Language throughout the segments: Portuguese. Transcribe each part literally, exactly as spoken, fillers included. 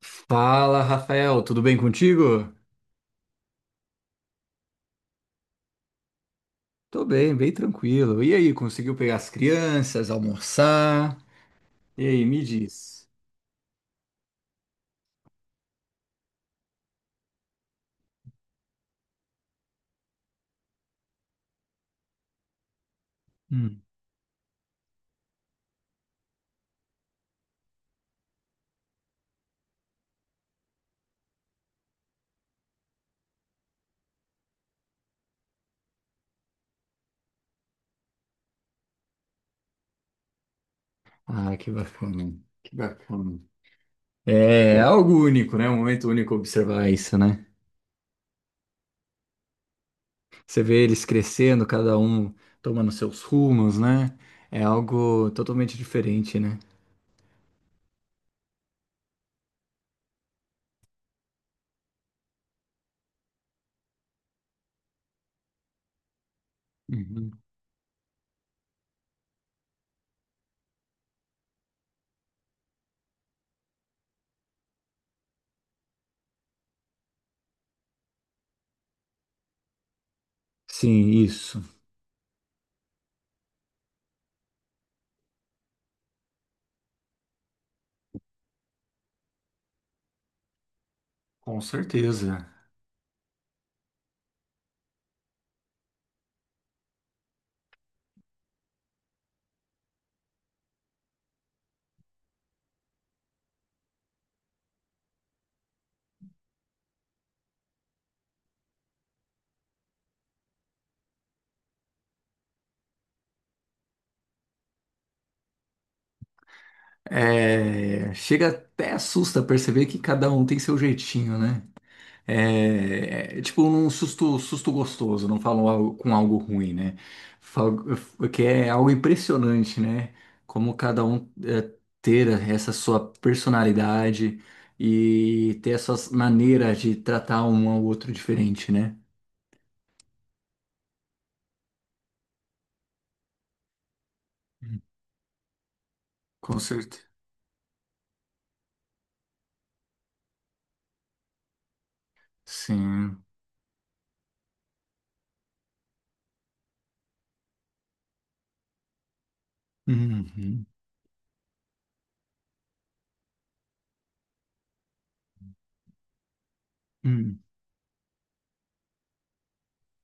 Fala, Rafael, tudo bem contigo? Tô bem, bem tranquilo. E aí, conseguiu pegar as crianças, almoçar? E aí, me diz. Hum. Ah, que bacana, que bacana. É algo único, né? Um momento único observar isso, né? Você vê eles crescendo, cada um tomando seus rumos, né? É algo totalmente diferente, né? Uhum. Sim, isso. Com certeza. É, chega até assusta perceber que cada um tem seu jeitinho, né? É, é, tipo um susto, susto gostoso, não falam algo- com algo ruim, né? Fal- Que é algo impressionante, né? Como cada um é, ter essa sua personalidade e ter as suas maneiras de tratar um ao outro diferente, né? Com certeza. Sim. Uhum. Uhum.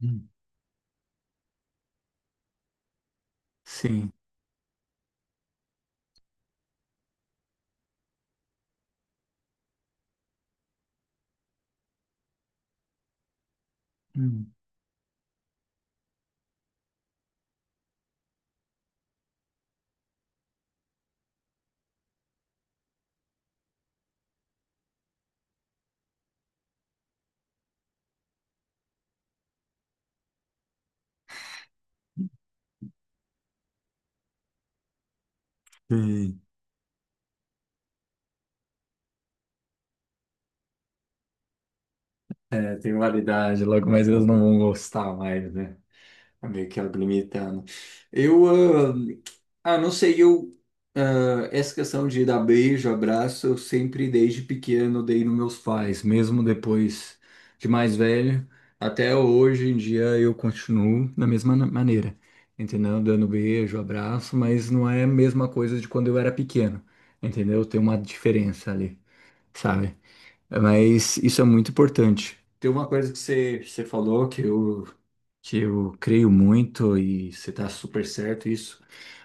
Uhum. Sim. Uhum. Sim. É, tem validade, logo, mas eles não vão gostar mais, né? É meio que algo limitando. Eu, ah, ah, não sei, eu, ah, essa questão de dar beijo, abraço, eu sempre desde pequeno dei nos meus pais, mesmo depois de mais velho, até hoje em dia eu continuo da mesma na- maneira, entendeu? Dando beijo, abraço, mas não é a mesma coisa de quando eu era pequeno, entendeu? Tem uma diferença ali, sabe? Mas isso é muito importante. Tem uma coisa que você, você falou que eu, que eu creio muito e você está super certo isso.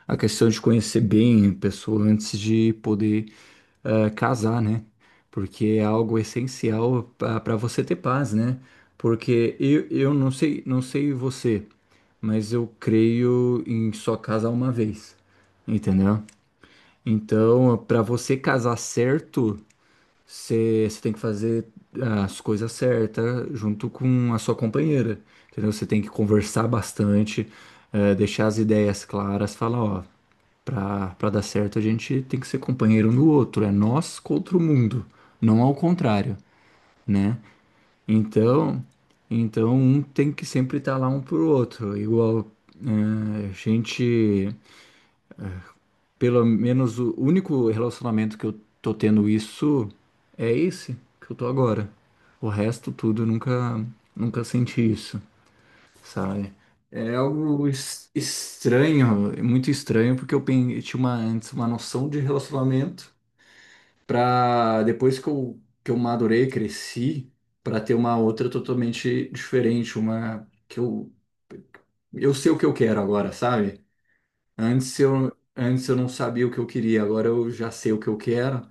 A questão de conhecer bem a pessoa antes de poder eh, casar, né? Porque é algo essencial para você ter paz, né? Porque eu, eu não sei, não sei você, mas eu creio em só casar uma vez, entendeu? Então, para você casar certo você você tem que fazer as coisas certas junto com a sua companheira, entendeu? Você tem que conversar bastante, eh, deixar as ideias claras, falar, ó, pra, pra dar certo a gente tem que ser companheiro um do outro, é nós contra o mundo, não ao contrário, né? Então, então um tem que sempre estar lá um pro outro, igual eh, a gente. Pelo menos o único relacionamento que eu tô tendo isso é esse que eu tô agora. O resto tudo eu nunca nunca senti isso, sabe? É algo es- estranho, é muito estranho, porque eu, pen- eu tinha uma, antes uma noção de relacionamento para depois que eu, que eu madurei, cresci, para ter uma outra totalmente diferente, uma que eu eu sei o que eu quero agora, sabe? Antes eu, antes eu não sabia o que eu queria, agora eu já sei o que eu quero,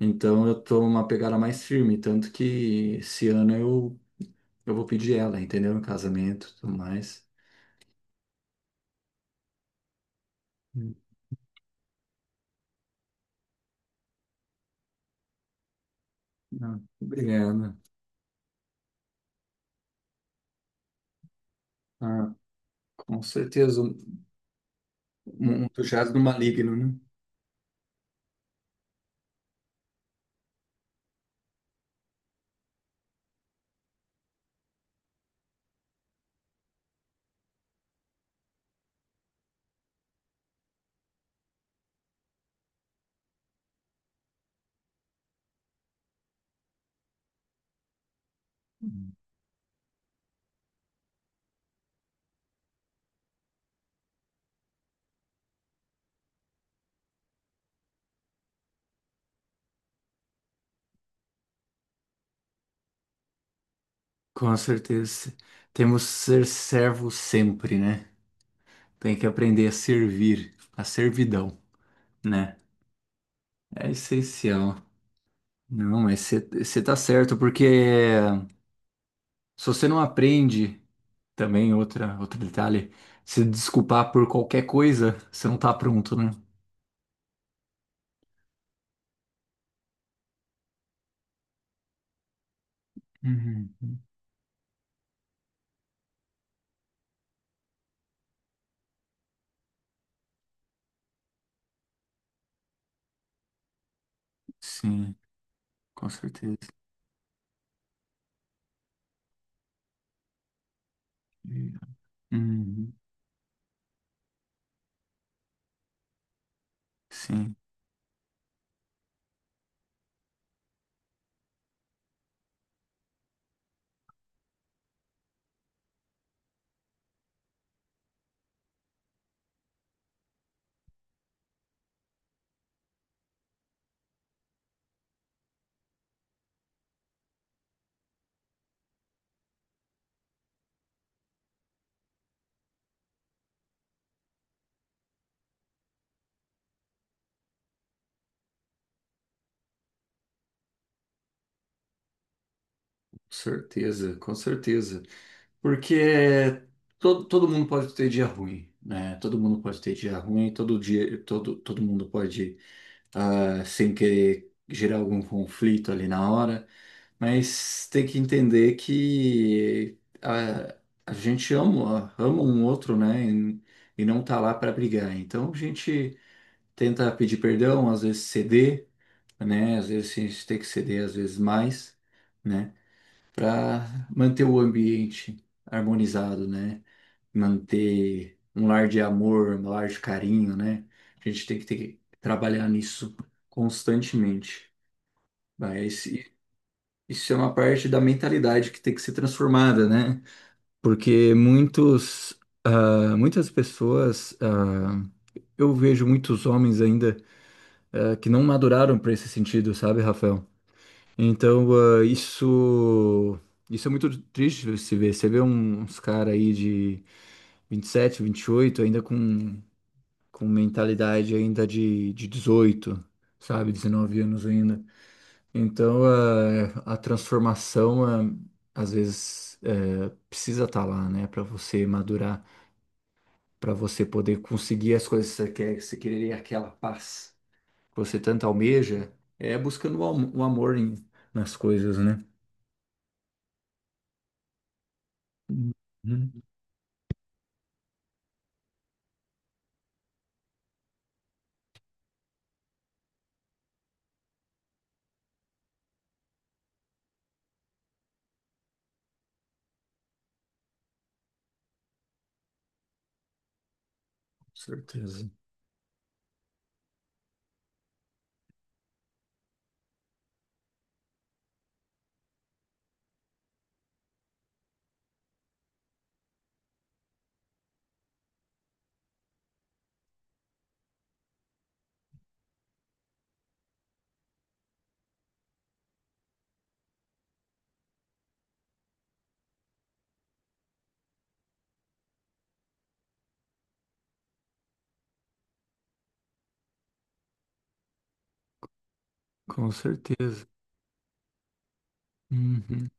então eu tô uma pegada mais firme, tanto que esse ano eu, eu vou pedir ela, entendeu? Em casamento e tudo mais. Hum, ah, obrigado. Ah, com certeza, um, um do jazz do maligno, né? Hum. Com certeza. Temos que ser servo sempre, né? Tem que aprender a servir, a servidão, né? É essencial. Não, mas você tá certo, porque se você não aprende, também outra, outro detalhe, se desculpar por qualquer coisa, você não tá pronto, né? Uhum. Sim, com certeza. Uhum. Sim, com certeza, com certeza. Porque todo, todo mundo pode ter dia ruim, né? Todo mundo pode ter dia ruim, todo dia, todo, todo mundo pode ah, sem querer gerar algum conflito ali na hora, mas tem que entender que a, a gente ama, ama um outro, né? E, e não tá lá para brigar. Então a gente tenta pedir perdão, às vezes ceder, né? Às vezes a gente tem que ceder, às vezes mais, né? Para manter o ambiente harmonizado, né? Manter um lar de amor, um lar de carinho, né? A gente tem que ter que trabalhar nisso constantemente. Mas i- isso é uma parte da mentalidade que tem que ser transformada, né? Porque muitos, ah, muitas pessoas, ah, eu vejo muitos homens ainda, ah, que não maduraram para esse sentido, sabe, Rafael? Então, ah, isso, isso é muito triste de se ver. Você vê um, uns caras aí de vinte vinte e sete, vinte e oito ainda com com mentalidade ainda de, de dezoito sabe, dezenove anos ainda. Então, eh, a transformação, eh, às vezes, eh, precisa estar lá, né, para você madurar, para você poder conseguir as coisas que você quer, que você quereria aquela paz que você tanto almeja, é buscando o, am- o amor em- nas coisas, né? Uhum, com certeza. Com certeza. Uhum.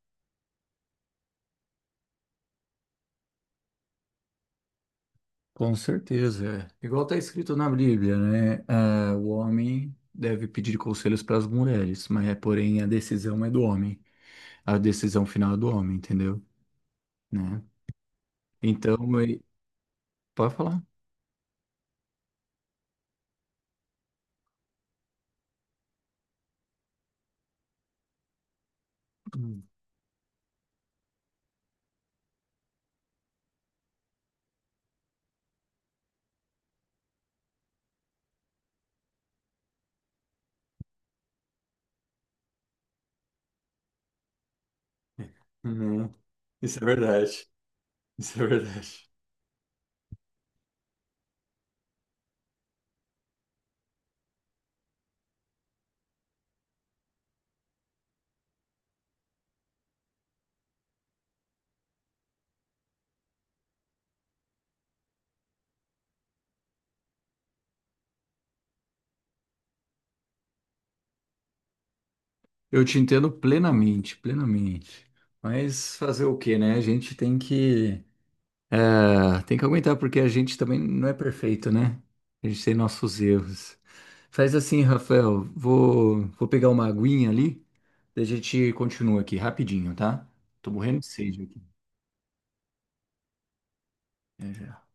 Com certeza, é. Igual está escrito na Bíblia, né? Ah, o homem deve pedir conselhos para as mulheres, mas é, porém a decisão é do homem. A decisão final é do homem, entendeu? Né? Então, e- pode falar. Hum. Uhum. Isso é verdade. Isso é verdade. Eu te entendo plenamente, plenamente. Mas fazer o quê, né? A gente tem que ah, tem que aguentar, porque a gente também não é perfeito, né? A gente tem nossos erros. Faz assim, Rafael, vou, vou pegar uma aguinha ali, daí a gente continua aqui rapidinho, tá? Tô morrendo de sede aqui. É, já.